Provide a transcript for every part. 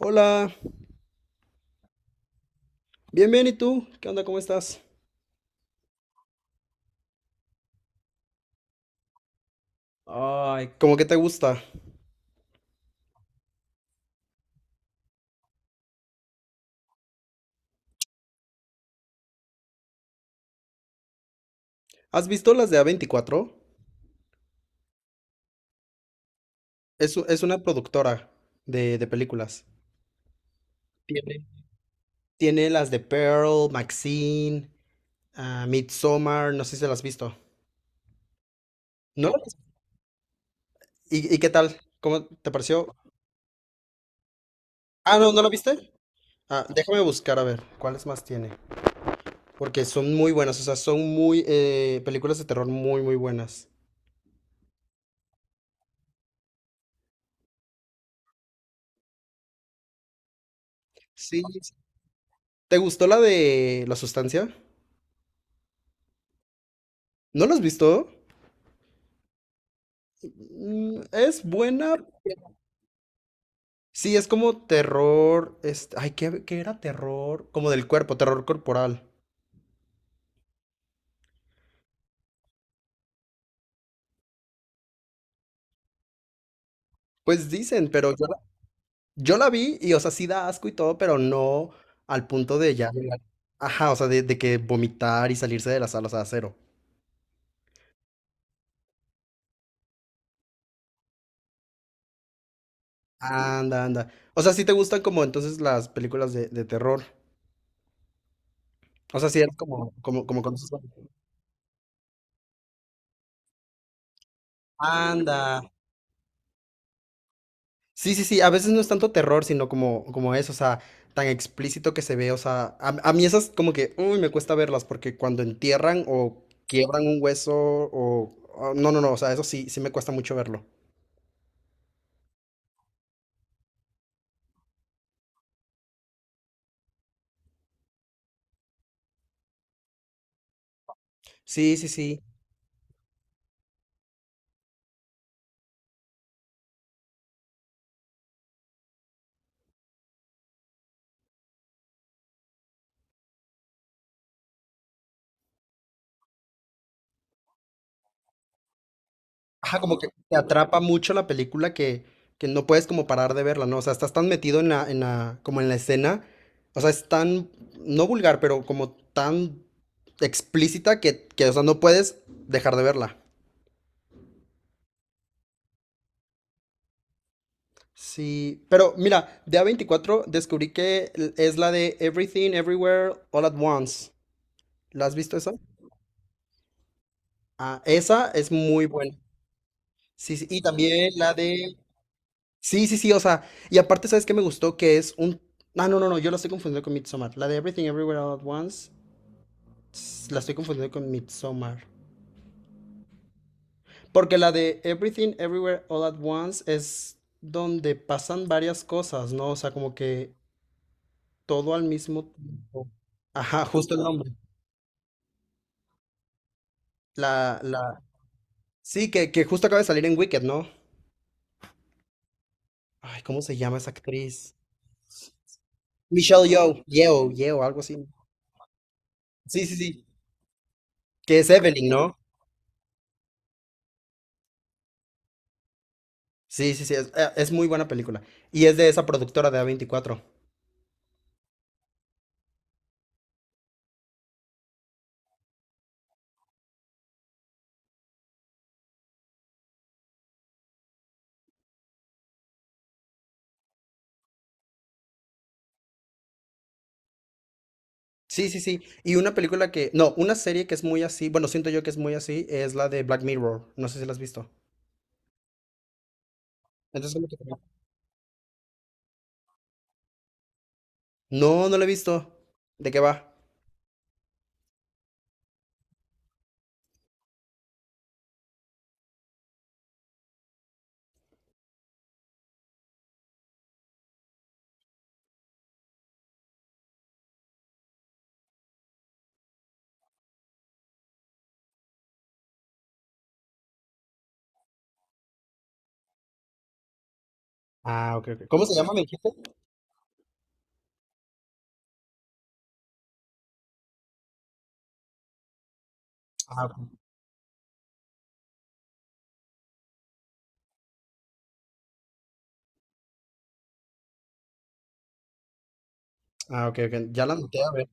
Hola, bien, bien, ¿y tú? ¿Qué onda? ¿Cómo estás? Ay, ¿cómo que te gusta? ¿Has visto las de A24? Es, es una productora de películas. Tiene. Tiene las de Pearl, Maxine, ah, Midsommar, no sé si las has visto. ¿No? ¿Y qué tal? ¿Cómo te pareció? Ah, no, ¿no la viste? Ah, déjame buscar a ver cuáles más tiene. Porque son muy buenas, o sea, son muy películas de terror muy, muy buenas. Sí, sí. ¿Te gustó la de La Sustancia? ¿No la has visto? Mm, es buena. Sí, es como terror. Este, ay, ¿qué era terror? Como del cuerpo, terror corporal. Pues dicen, pero yo la vi y, o sea, sí da asco y todo, pero no al punto de ya Ajá, o sea, de, que vomitar y salirse de la sala, o sea, cero. Anda, anda. O sea, sí te gustan como entonces las películas de terror. O sea, sí eres como, como, como conoces. Anda. Sí, sí, sí, a veces no es tanto terror, sino como, como eso, o sea, tan explícito que se ve, o sea, a mí esas como que, uy, me cuesta verlas, porque cuando entierran o quiebran un hueso, no, no, no, o sea, eso sí, sí me cuesta mucho verlo. Sí, sí, sí. Ajá, como que te atrapa mucho la película que no puedes como parar de verla, ¿no? O sea, estás tan metido en la, como en la escena, o sea, es tan, no vulgar, pero como tan explícita que, o sea, no puedes dejar de verla. Sí, pero mira, de A24 descubrí que es la de Everything, Everywhere, All at Once. ¿La has visto esa? Ah, esa es muy buena. Sí, sí, y también la de... Sí, sí, sí, o sea, y aparte, ¿sabes qué me gustó? Que es un... Ah, no, no, no, yo la estoy confundiendo con Midsommar. La de Everything, Everywhere, All at Once, la estoy confundiendo con Midsommar. Porque la de Everything, Everywhere, All at Once es donde pasan varias cosas, ¿no? O sea, como que todo al mismo tiempo. Ajá, justo el nombre. La, sí, que justo acaba de salir en Wicked, ¿no? Ay, ¿cómo se llama esa actriz? Michelle Yeoh, algo así. Sí, sí, sí. Que es Evelyn, ¿no? Sí, sí, sí, es muy buena película. Y es de esa productora de a veinticuatro. Sí, sí, sí. Y una película que, no, una serie que es muy así, bueno, siento yo que es muy así, es la de Black Mirror. No sé si la has visto. Entonces, ¿cómo que te va? No, no la he visto. ¿De qué va? Ah, ok, ok. ¿Cómo se llama, me dijiste? Ah, ok. Ah, ok, ok. Ya la anoté, a ver.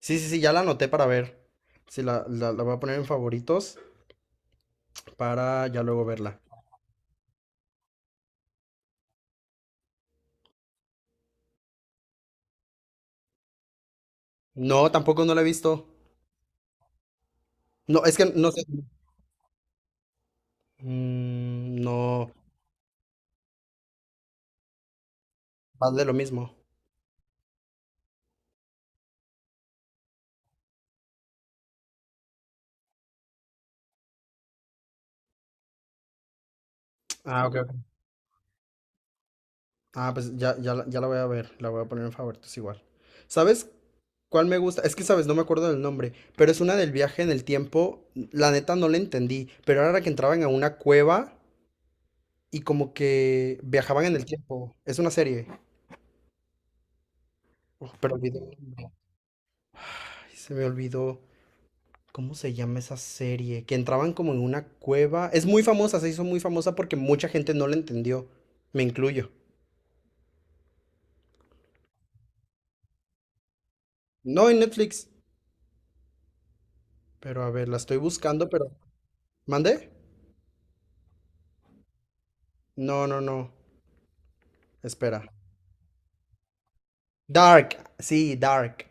Sí, sí, sí, ya la anoté para ver. Sí, la voy a poner en favoritos para ya luego verla. No, tampoco no la he visto. No, es que no sé. Mm, no, va de lo mismo. Ah, ok, ok. Ah, pues ya, ya, ya la voy a ver. La voy a poner en favoritos igual. ¿Sabes cuál me gusta? Es que, ¿sabes? No me acuerdo del nombre, pero es una del viaje en el tiempo. La neta no la entendí, pero era que entraban a una cueva y como que viajaban en el tiempo. Es una serie. Oh, pero olvidé. Ay, se me olvidó. ¿Cómo se llama esa serie? Que entraban como en una cueva. Es muy famosa, se hizo muy famosa porque mucha gente no la entendió. Me incluyo. No en Netflix. Pero a ver, la estoy buscando, pero... ¿Mandé? No, no, no. Espera. Dark. Sí, Dark.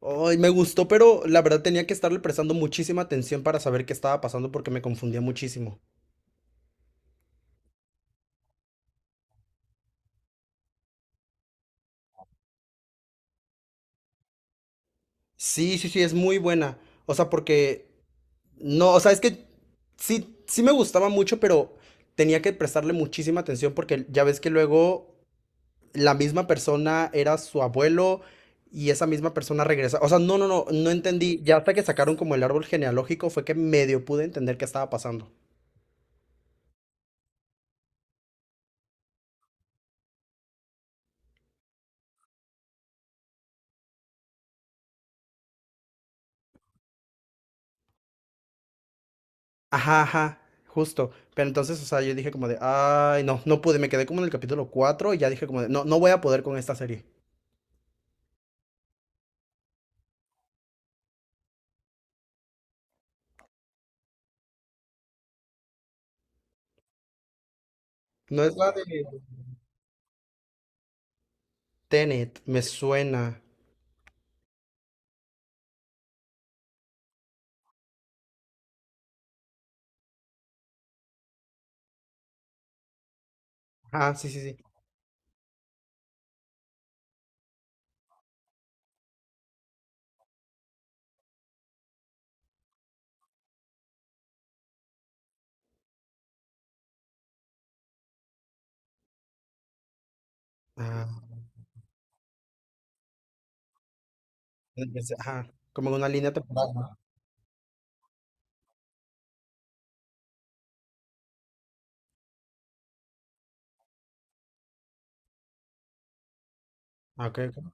Ay, me gustó, pero la verdad tenía que estarle prestando muchísima atención para saber qué estaba pasando porque me confundía muchísimo. Sí, sí, sí, es muy buena. O sea, porque no, o sea, es que sí, sí me gustaba mucho, pero tenía que prestarle muchísima atención porque ya ves que luego la misma persona era su abuelo y esa misma persona regresa. O sea, no, no, no, no entendí. Ya hasta que sacaron como el árbol genealógico fue que medio pude entender qué estaba pasando. Ajá, ajá, justo. Pero entonces, o sea, yo dije como de, ay, no, no pude. Me quedé como en el capítulo 4 y ya dije como de, no, no voy a poder con esta serie. No es la de Tenet, me suena. Ah, sí, sí, sí. Ah. Ajá, como en una línea temporal, ¿no? Ah, ok, ok.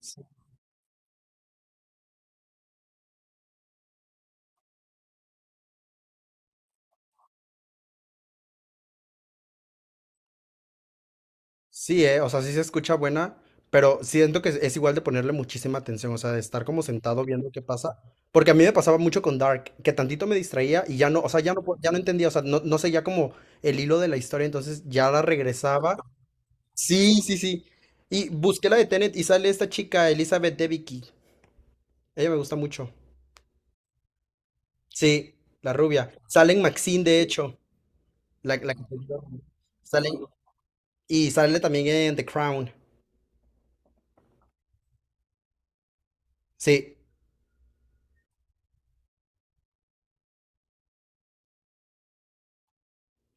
Sí, sí, o sea, sí se escucha buena, pero siento que es igual de ponerle muchísima atención, o sea, de estar como sentado viendo qué pasa. Porque a mí me pasaba mucho con Dark, que tantito me distraía y ya no, o sea, ya no, ya no entendía, o sea, no, no seguía como el hilo de la historia, entonces ya la regresaba. Sí, sí, sí. Y busqué la de Tenet y sale esta chica, Elizabeth Debicki. Ella me gusta mucho. Sí, la rubia. Sale en Maxine, de hecho. La que te digo. Sale. Y sale también en The Crown. Sí,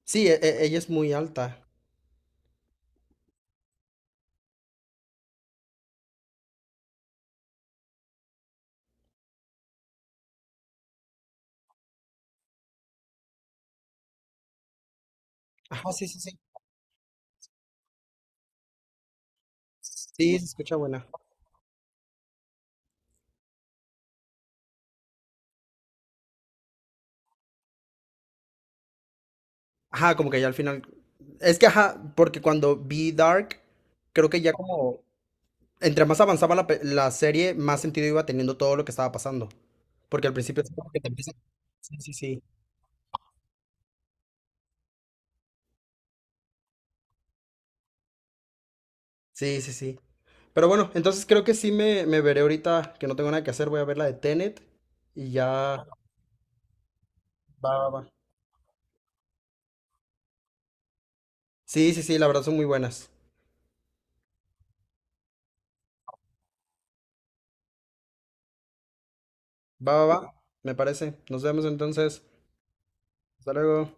sí, ella es muy alta. Ajá, sí, sí, sí. Sí, se escucha buena. Ajá, como que ya al final. Es que, ajá, porque cuando vi Dark, creo que ya como, entre más avanzaba la, la serie, más sentido iba teniendo todo lo que estaba pasando. Porque al principio es como que te empieza... Sí, sí, sí. Sí, sí, sí. Pero bueno, entonces creo que sí me veré ahorita que no tengo nada que hacer. Voy a ver la de Tenet y ya. Va, va, va. Sí, sí, sí, la verdad son muy buenas. Va, va, va. Me parece. Nos vemos entonces. Hasta luego.